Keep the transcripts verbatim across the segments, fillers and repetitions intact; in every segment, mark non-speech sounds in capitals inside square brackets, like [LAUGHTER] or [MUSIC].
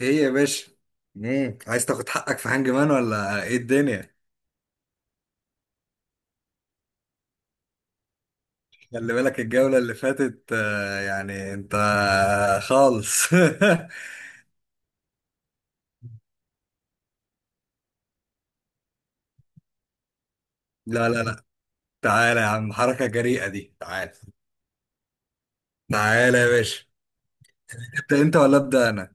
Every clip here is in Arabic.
ايه يا باشا؟ مم. عايز تاخد حقك في هانج مان ولا ايه الدنيا؟ خلي بالك الجولة اللي فاتت آه، يعني انت خالص [LAUGHS] لا لا لا، تعالى يا عم، حركة جريئة دي، تعالى. تعالى يا باشا. ابدأ انت ولا ابدأ انا؟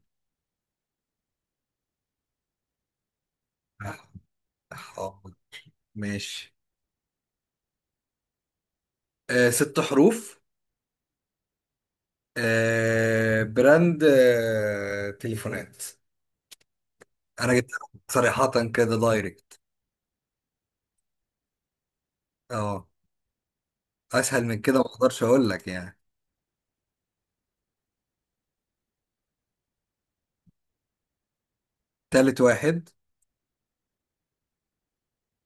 حاضر. ماشي. آه، ست حروف. آه، براند آه تليفونات. انا جبت صريحة كده دايركت. اه. اسهل من كده ما اقدرش اقول لك يعني. تالت واحد.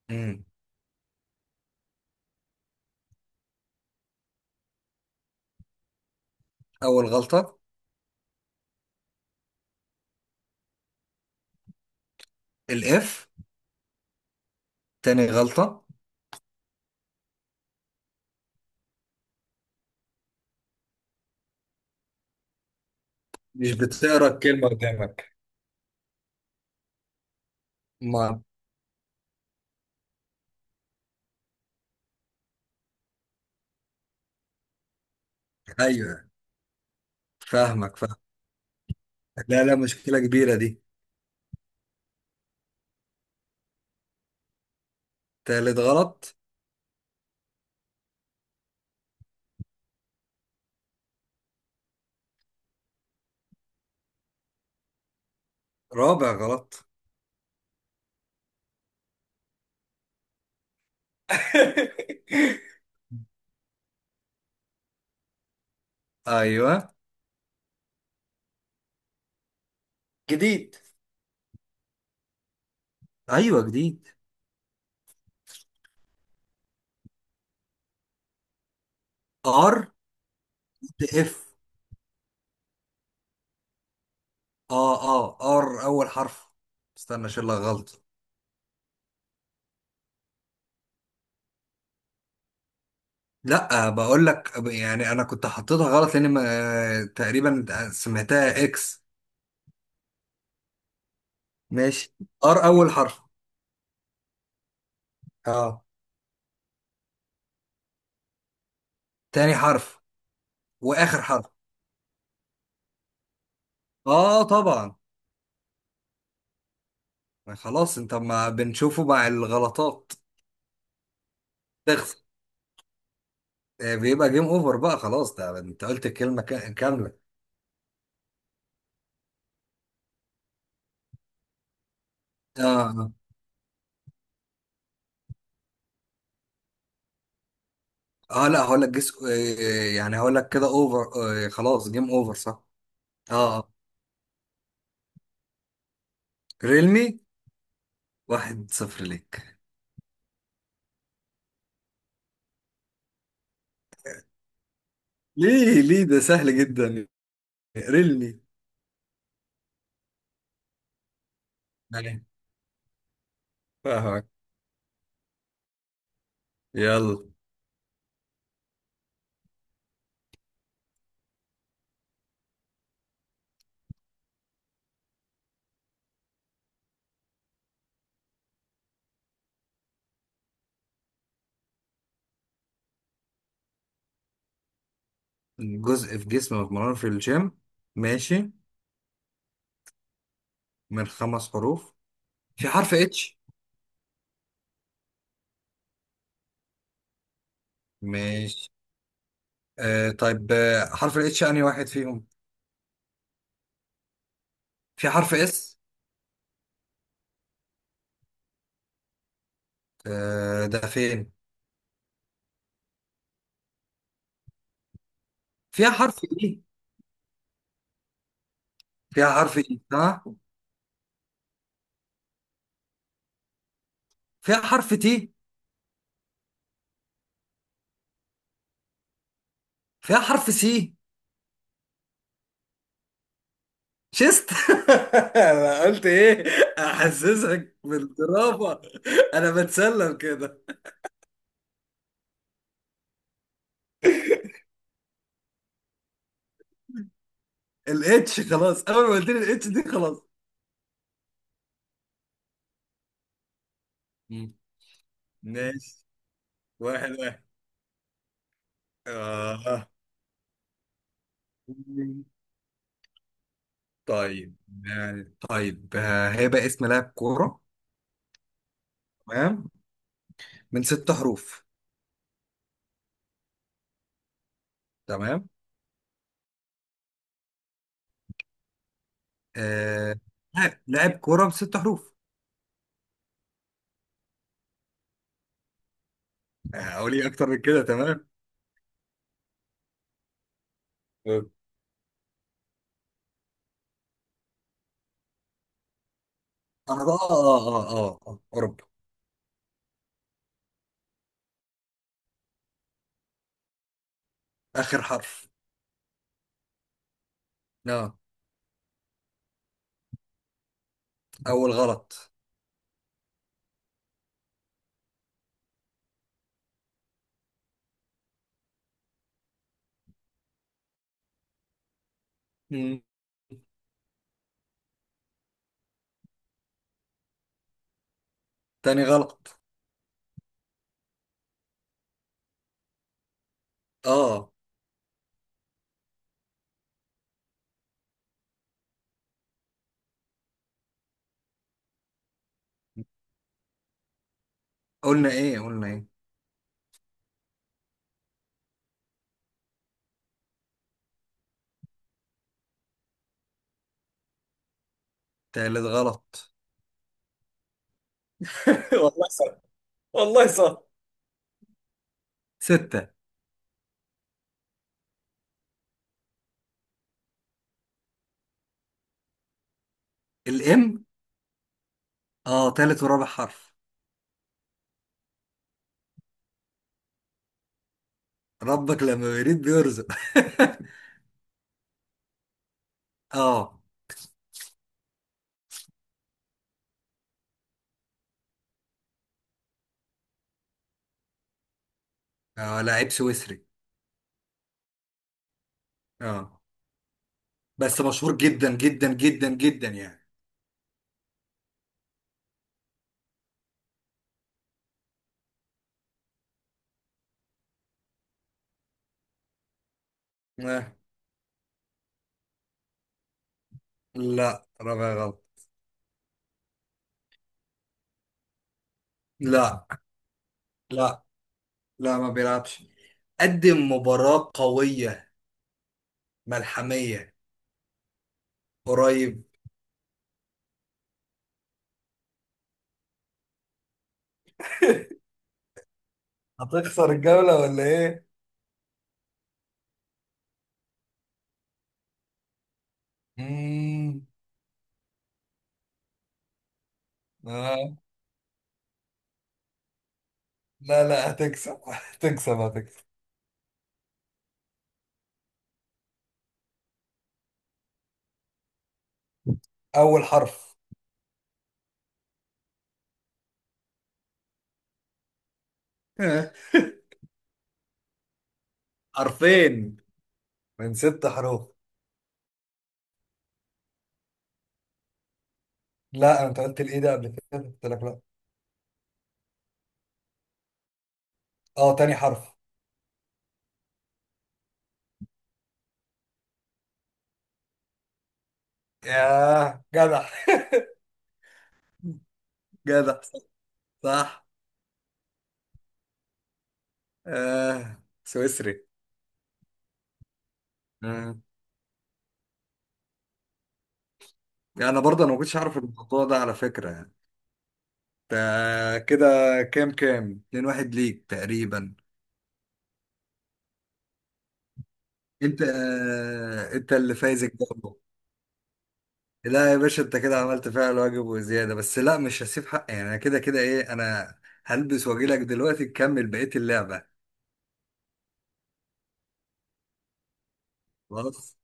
مم. أول غلطة. الإف، تاني غلطة. مش بتقرا الكلمة قدامك؟ ما، أيوه، فاهمك فاهم. لا لا، مشكلة كبيرة دي. تالت غلط. رابع غلط. [LAUGHS] أيوه جديد. أيوه جديد. آر، إف. آه آه آر أول حرف. استنى أشيل لك غلط. لا، بقول لك يعني أنا كنت حطيتها غلط لأن ما- تقريبا سمعتها إكس. ماشي. آر أول حرف. آه، تاني حرف واخر حرف. اه طبعا. خلاص، انت ما بنشوفه مع الغلطات. تخسر. آه، بيبقى جيم اوفر بقى، خلاص ده انت قلت الكلمه كا- كامله. اه اه. آه، لا هقول لك جس، آه، يعني هقول لك كده اوفر. آه، خلاص جيم اوفر صح. اه آه. ريلمي. واحد صفر ليك. ليه ليه؟ ده سهل جدا. ريلمي يعني. فاهمك. يلا. جزء في جسم متمرن في الجيم. ماشي. من خمس حروف. في حرف اتش؟ ماشي. آه طيب، آه حرف الاتش انهي واحد فيهم؟ في حرف اس؟ آه، ده فين؟ فيها حرف اي؟ فيها حرف اي ها؟ فيها حرف تي؟ فيها حرف سي؟ شست. [LAUGHS] انا قلت ايه؟ احسسك بالدرافة. انا بتسلم كده. الاتش خلاص، اول ما قلت لي الاتش دي خلاص. مم. ماشي. واحد واحد. آه. طيب، يعني طيب، آه، هيبقى اسم لاعب كورة، تمام؟ من ست حروف. تمام. آه، لاعب لاعب كوره بست حروف. آه، اقول ايه اكتر من كده؟ تمام. آه، اه اه اه اه، آه، اوروبا. اخر حرف. اه. اول غلط. مم. تاني غلط. اه. قلنا ايه قلنا ايه. تالت غلط. [LAUGHS] والله صح. والله صح. ستة. الام. اه، تالت ورابع حرف. ربك لما بيريد بيرزق. [LAUGHS] اه. اه، لاعب سويسري. اه. بس مشهور جدا جدا جدا جدا يعني. آه. لا رابع غلط. لا. لا لا ما بيلعبش. قدم مباراة قوية ملحمية. قريب. [LAUGHS] هتخسر الجولة ولا ايه؟ مم. آه. لا لا، هتكسب هتكسب هتكسب. أول حرف. [LAUGHS] حرفين من ست حروف. لا، انت قلت الايه ده قبل كده، قلت لك لا. اه، تاني حرف. ياه، جدع! [LAUGHS] جدع. صح. آه. سويسري. آه. انا برضه انا ما كنتش اعرف الموضوع ده على فكرة. تا- كده. كام كام؟ اتنين واحد ليك تقريبا. انت آه، انت اللي فايز الجولة. لا يا باشا، انت كده عملت فعل الواجب وزيادة، بس لا مش هسيب حقي يعني، انا كده كده ايه. انا هلبس واجيلك دلوقتي تكمل بقية اللعبة. خلاص.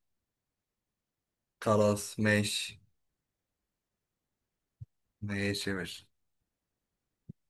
خلاص ماشي. ماشي يا باشا.